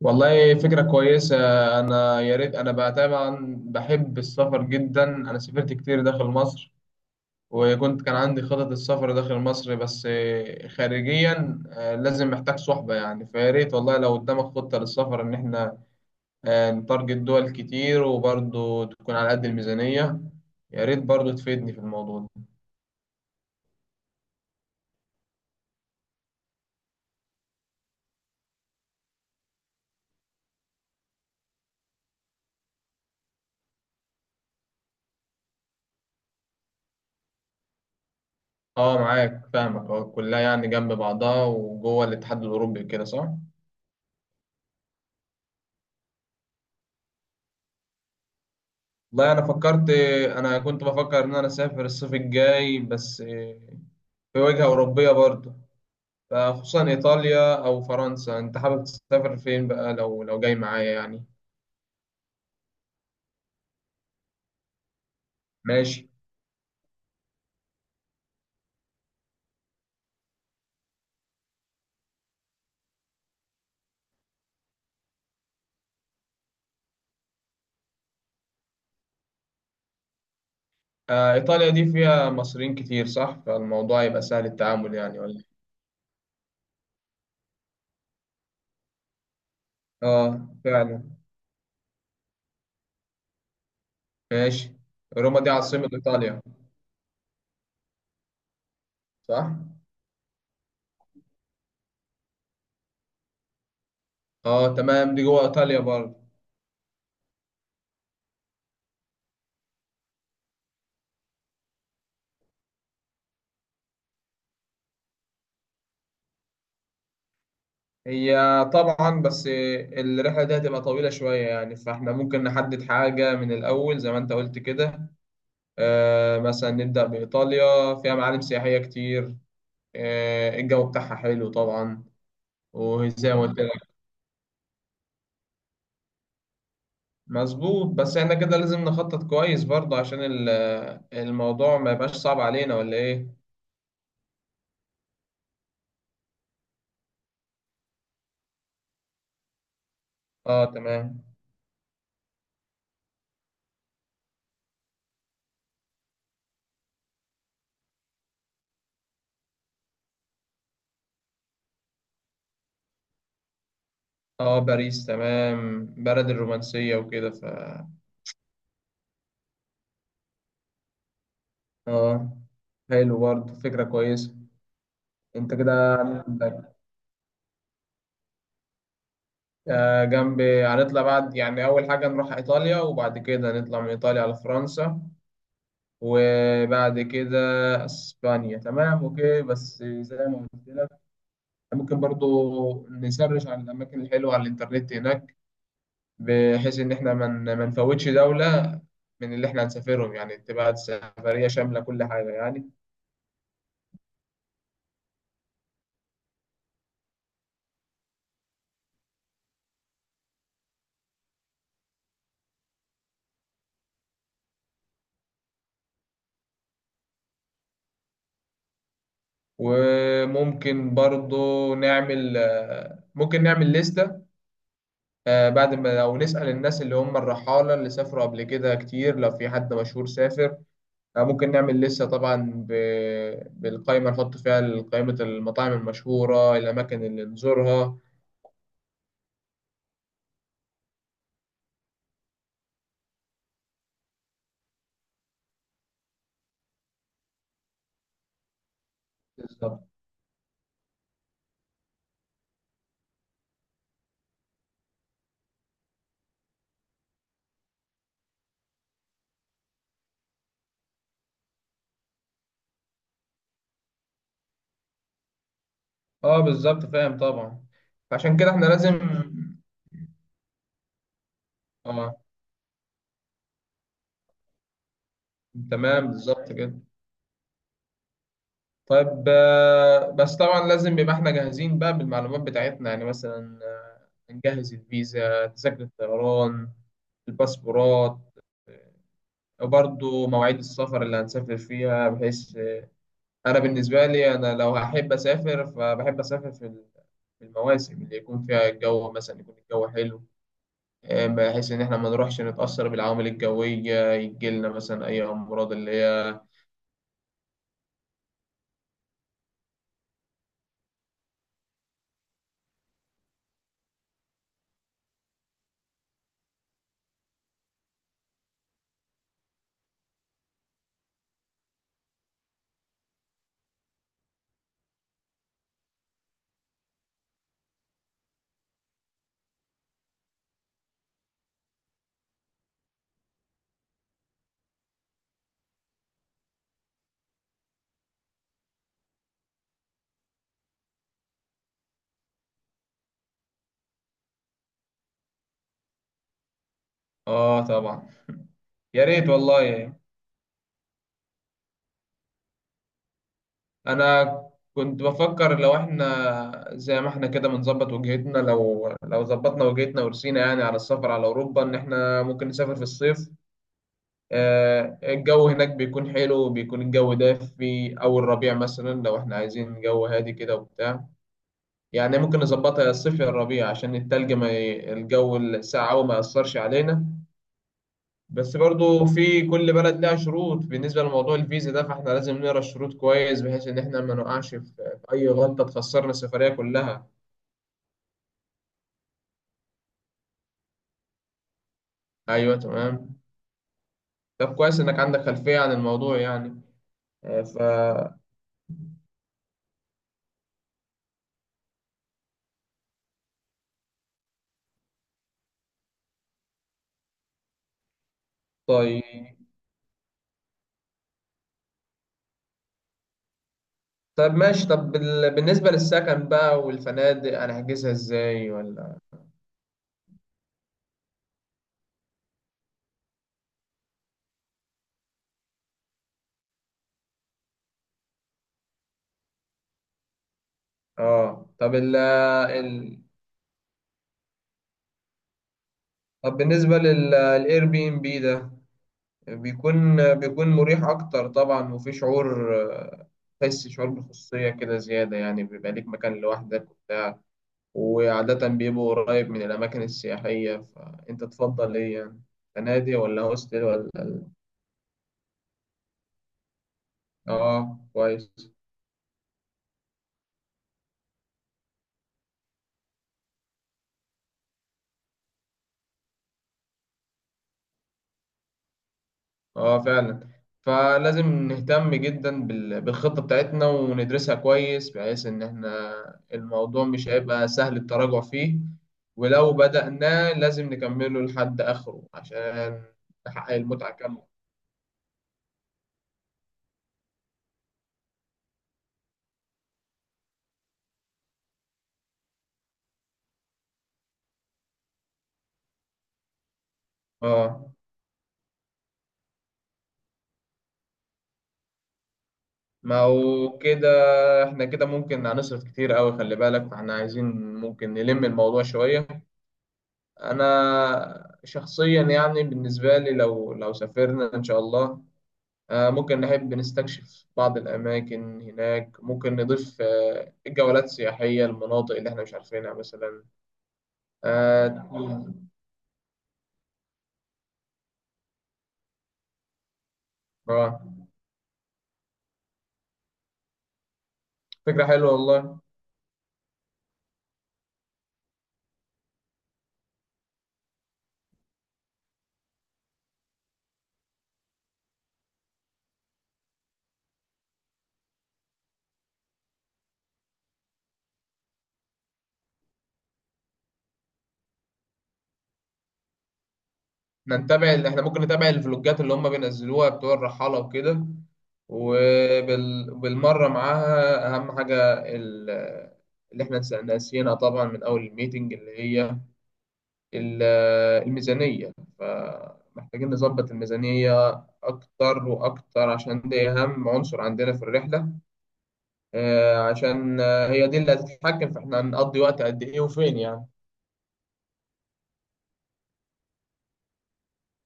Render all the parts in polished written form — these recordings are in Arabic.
والله فكرة كويسة. أنا يا ريت، أنا بقى طبعا بحب السفر جدا، أنا سافرت كتير داخل مصر، وكنت كان عندي خطط السفر داخل مصر، بس خارجيا، لازم محتاج صحبة، يعني فيا ريت والله لو قدامك خطة للسفر إن إحنا نتارجت دول كتير، وبرضه تكون على قد الميزانية. يا ريت برضه تفيدني في الموضوع ده. أه معاك، فاهمك. أه كلها يعني جنب بعضها وجوه الاتحاد الأوروبي، كده صح؟ والله انا فكرت، انا كنت بفكر ان انا اسافر الصيف الجاي، بس في وجهة اوروبية برضه، فخصوصا ايطاليا او فرنسا. انت حابب تسافر فين بقى لو جاي معايا يعني؟ ماشي. ايطاليا دي فيها مصريين كتير صح؟ فالموضوع يبقى سهل التعامل يعني، ولا؟ اه فعلا. ماشي. روما دي عاصمة ايطاليا، صح؟ اه تمام، دي جوه ايطاليا برضه. هي طبعا، بس الرحلة دي هتبقى طويلة شوية يعني، فاحنا ممكن نحدد حاجة من الأول زي ما أنت قلت كده. مثلا نبدأ بإيطاليا، فيها معالم سياحية كتير، الجو بتاعها حلو طبعا، وزي ما قلت لك. مظبوط، بس احنا كده لازم نخطط كويس برضه، عشان الموضوع ما يبقاش صعب علينا، ولا إيه؟ اه تمام. اه باريس تمام، بلد الرومانسية وكده ف... اه حلو، برضه فكرة كويسة. انت كده جنب، هنطلع بعد، يعني أول حاجة نروح إيطاليا، وبعد كده نطلع من إيطاليا على فرنسا، وبعد كده أسبانيا. تمام أوكي. بس زي ما قلت لك، ممكن برضو نسرش على الأماكن الحلوة على الإنترنت هناك، بحيث إن إحنا ما نفوتش دولة من اللي إحنا هنسافرهم، يعني تبقى سفرية شاملة كل حاجة يعني. وممكن برضو نعمل، ممكن نعمل لستة، بعد ما، لو نسأل الناس اللي هم الرحالة اللي سافروا قبل كده كتير، لو في حد مشهور سافر، ممكن نعمل لسه طبعا ب... بالقائمة، نحط فيها قائمة المطاعم المشهورة، الأماكن اللي نزورها. بالظبط. اه بالظبط، فاهم طبعا. عشان كده احنا لازم. اه تمام، بالظبط كده. طيب، بس طبعا لازم يبقى احنا جاهزين بقى بالمعلومات بتاعتنا، يعني مثلا نجهز الفيزا، تذاكر الطيران، الباسبورات، وبرضه مواعيد السفر اللي هنسافر فيها. بحيث أنا بالنسبة لي، أنا لو هحب أسافر فبحب أسافر في في المواسم اللي يكون فيها الجو، مثلا يكون الجو حلو، بحيث إن إحنا ما نروحش نتأثر بالعوامل الجوية، يجيلنا مثلا أي أمراض اللي هي... آه طبعا. يا ريت والله. أنا كنت بفكر لو إحنا زي ما إحنا كده بنظبط وجهتنا، لو ظبطنا وجهتنا ورسينا يعني على السفر على أوروبا، إن إحنا ممكن نسافر في الصيف، الجو هناك بيكون حلو، بيكون الجو دافي، أول ربيع مثلا لو إحنا عايزين جو هادي كده وبتاع. يعني ممكن نظبطها يا الصيف يا الربيع، عشان التلج ما ي... الجو الساقع أوي ما يأثرش علينا. بس برضو في كل بلد لها شروط بالنسبة لموضوع الفيزا ده، فإحنا لازم نقرا الشروط كويس، بحيث إن إحنا ما نقعش في أي غلطة تخسرنا السفرية كلها. أيوه تمام. طب كويس إنك عندك خلفية عن الموضوع يعني، آه، ف طيب، طب ماشي، طب بالنسبة للسكن بقى والفنادق، أنا هحجزها إزاي ولا؟ آه، طب ال ال طب بالنسبة للإير بي إم بي ده، بيكون مريح أكتر طبعا، وفي شعور، تحس شعور بالخصوصية كده زيادة يعني، بيبقى ليك مكان لوحدك وبتاع، وعادة بيبقى قريب من الأماكن السياحية. فأنت تفضل إيه يعني، فنادق ولا هوستل ولا؟ آه كويس. اه فعلا. فلازم نهتم جدا بالخطة بتاعتنا وندرسها كويس، بحيث ان احنا الموضوع مش هيبقى سهل التراجع فيه، ولو بدأناه لازم نكمله لحد آخره عشان نحقق المتعة كاملة. اه ما هو كده، احنا كده ممكن هنصرف كتير قوي، خلي بالك فاحنا عايزين ممكن نلم الموضوع شوية. انا شخصيا يعني بالنسبة لي، لو سافرنا ان شاء الله، ممكن نحب نستكشف بعض الأماكن هناك، ممكن نضيف جولات سياحية، المناطق اللي احنا مش عارفينها مثلا. آه، آه، فكرة حلوة والله. نتابع احنا ممكن نتابع الفلوجات اللي هم بينزلوها بتوع الرحالة وكده. وبالمرة معاها أهم حاجة ال- اللي احنا ناسيينها طبعا من أول الميتنج، اللي هي ال- الميزانية. فمحتاجين نظبط الميزانية أكتر وأكتر، عشان دي أهم عنصر عندنا في الرحلة، عشان هي دي اللي هتتحكم في إحنا هنقضي وقت قد إيه وفين يعني.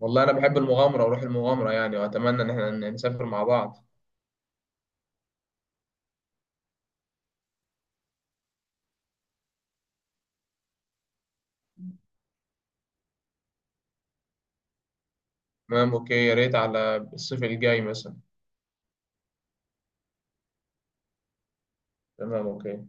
والله أنا بحب المغامرة وروح المغامرة يعني، وأتمنى إن إحنا نسافر مع بعض. تمام أوكي، يا ريت على الصيف الجاي مثلا. تمام أوكي.